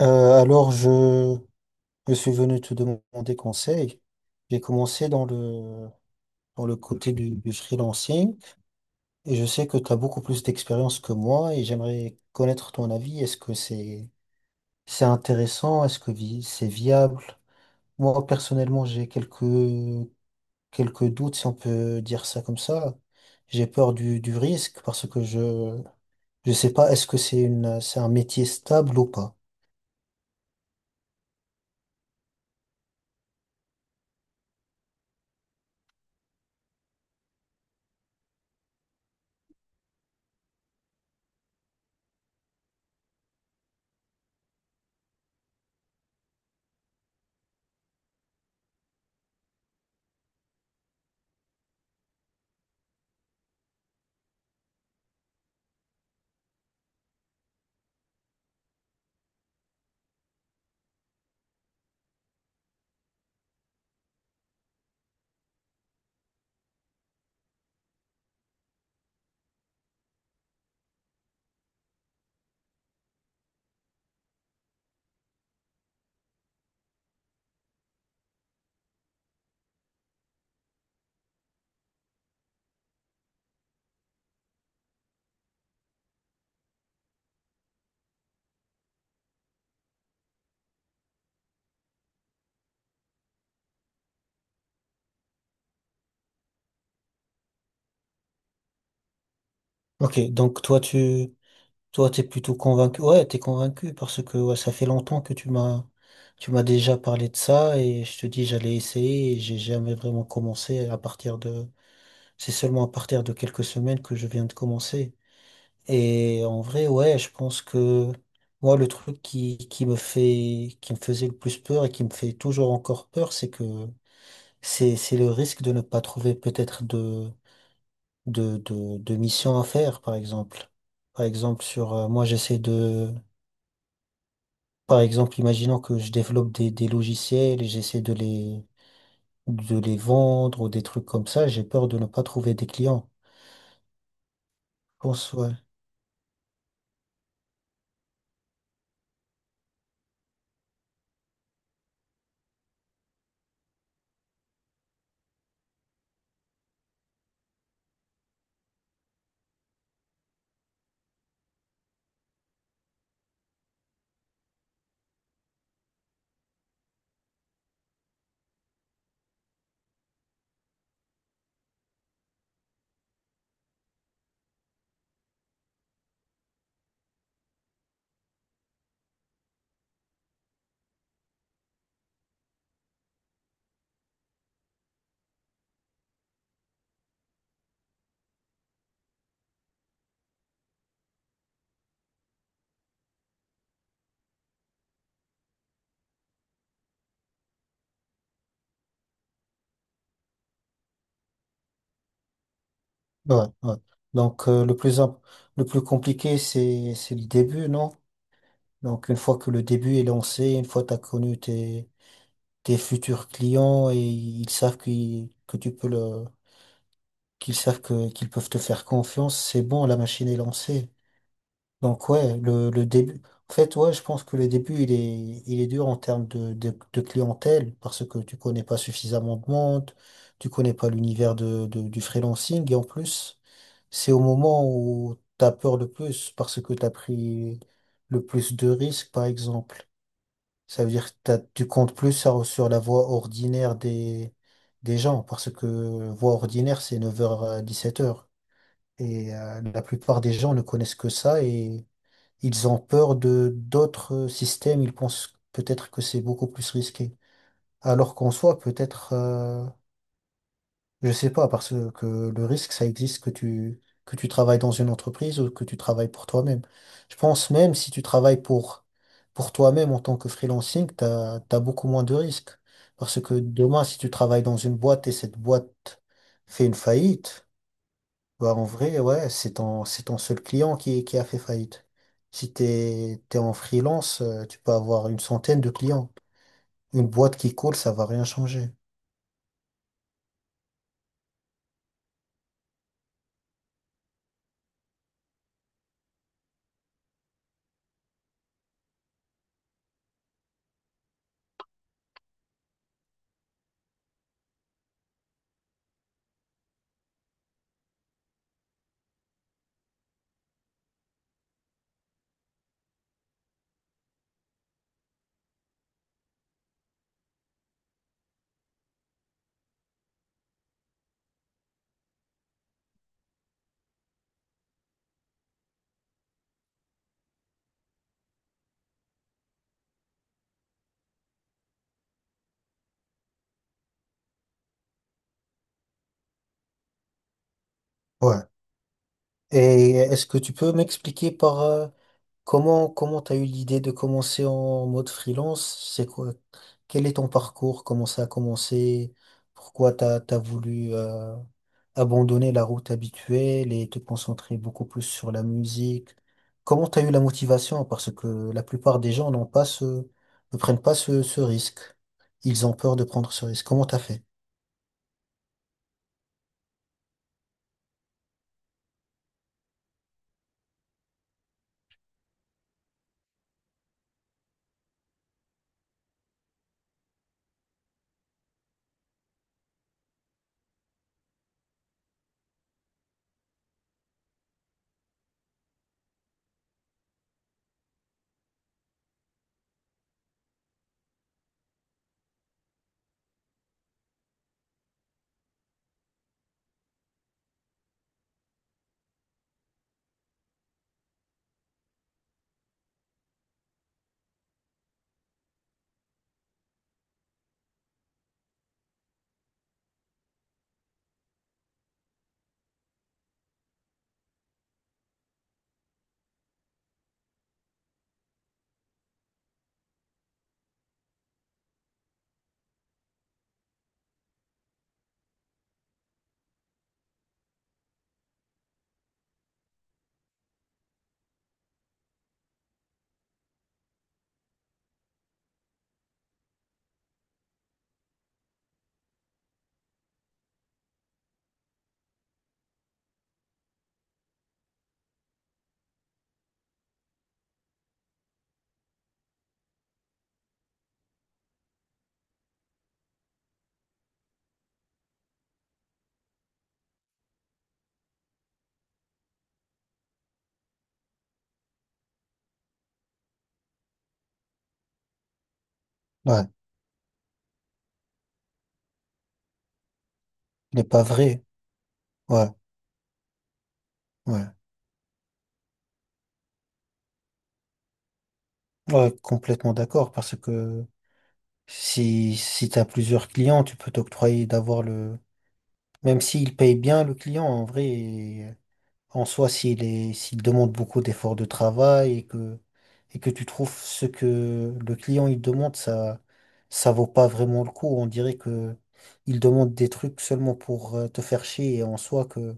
Euh, alors, je, je suis venu te demander conseil. J'ai commencé dans dans le côté du freelancing et je sais que tu as beaucoup plus d'expérience que moi et j'aimerais connaître ton avis. C'est intéressant? Est-ce que c'est viable? Moi, personnellement, j'ai quelques doutes, si on peut dire ça comme ça. J'ai peur du risque parce que je sais pas, est-ce que c'est un métier stable ou pas? Ok, donc toi, t'es plutôt convaincu. Ouais, t'es convaincu parce que ouais, ça fait longtemps que tu m'as déjà parlé de ça et je te dis j'allais essayer et j'ai jamais vraiment commencé à partir de. C'est seulement à partir de quelques semaines que je viens de commencer. Et en vrai, ouais, je pense que moi le truc qui me faisait le plus peur et qui me fait toujours encore peur, c'est que c'est le risque de ne pas trouver peut-être de mission à faire, par exemple. Par exemple, sur moi j'essaie de par exemple, imaginons que je développe des logiciels et j'essaie de les vendre ou des trucs comme ça, j'ai peur de ne pas trouver des clients. Je pense, ouais. Ouais, ouais. Donc, le plus compliqué, c'est le début, non? Donc, une fois que le début est lancé, une fois que tu as connu tes futurs clients et que tu peux qu'ils peuvent te faire confiance, c'est bon, la machine est lancée. Donc ouais, le début. En fait, ouais, je pense que le début, il est dur en termes de clientèle parce que tu connais pas suffisamment de monde, tu connais pas l'univers du freelancing et en plus, c'est au moment où t'as peur le plus parce que t'as pris le plus de risques, par exemple. Ça veut dire que tu comptes plus sur la voie ordinaire des gens parce que voie ordinaire, c'est 9 heures à 17 heures et la plupart des gens ne connaissent que ça et ils ont peur de d'autres systèmes, ils pensent peut-être que c'est beaucoup plus risqué. Alors qu'en soi, peut-être, je sais pas, parce que le risque, ça existe que que tu travailles dans une entreprise ou que tu travailles pour toi-même. Je pense même si tu travailles pour toi-même en tant que freelancing, t'as beaucoup moins de risques. Parce que demain, si tu travailles dans une boîte et cette boîte fait une faillite, bah, en vrai, ouais, c'est ton seul client qui a fait faillite. Si t'es en freelance, tu peux avoir une centaine de clients. Une boîte qui coule, ça va rien changer. Ouais. Et est-ce que tu peux m'expliquer par comment t'as eu l'idée de commencer en mode freelance? C'est quoi? Quel est ton parcours? Comment ça a commencé? Pourquoi t'as voulu abandonner la route habituelle et te concentrer beaucoup plus sur la musique? Comment t'as eu la motivation? Parce que la plupart des gens n'ont pas ce, ne prennent pas ce risque. Ils ont peur de prendre ce risque. Comment t'as fait? Ouais, il n'est pas vrai. Ouais, ouais. Ouais, complètement d'accord. Parce que si t'as plusieurs clients, tu peux t'octroyer d'avoir même s'il paye bien le client, en vrai, en soi, s'il demande beaucoup d'efforts de travail et que tu trouves ce que le client il demande, ça vaut pas vraiment le coup. On dirait que il demande des trucs seulement pour te faire chier et en soi que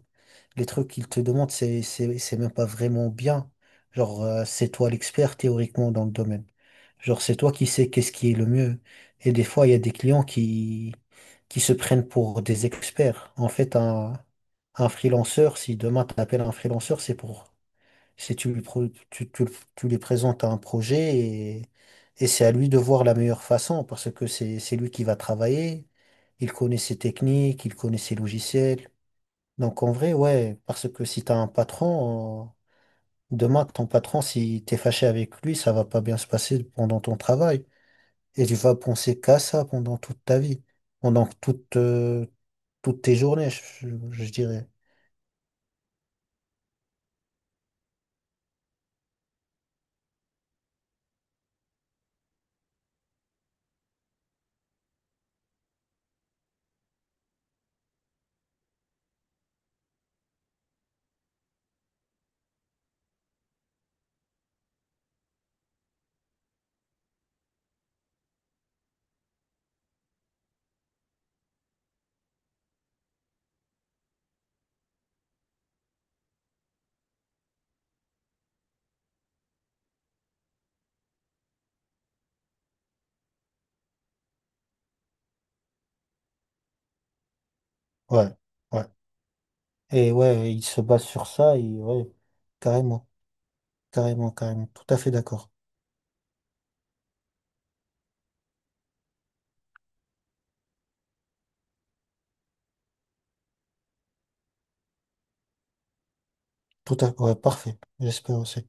les trucs qu'ils te demandent, c'est même pas vraiment bien. Genre, c'est toi l'expert théoriquement dans le domaine. Genre, c'est toi qui sais qu'est-ce qui est le mieux. Et des fois, il y a des clients qui se prennent pour des experts. En fait, un freelanceur, si demain tu appelles un freelanceur, c'est tu lui, pro- tu lui présentes un projet et c'est à lui de voir la meilleure façon parce que c'est lui qui va travailler. Il connaît ses techniques, il connaît ses logiciels, donc en vrai, ouais, parce que si t'as un patron, demain, ton patron, si t'es fâché avec lui, ça va pas bien se passer pendant ton travail. Et tu vas penser qu'à ça pendant toute ta vie, pendant toutes tes journées, je dirais. Ouais, ouais. Et ouais, il se base sur ça, et ouais, carrément, carrément. Tout à fait d'accord. Ouais, parfait. J'espère aussi.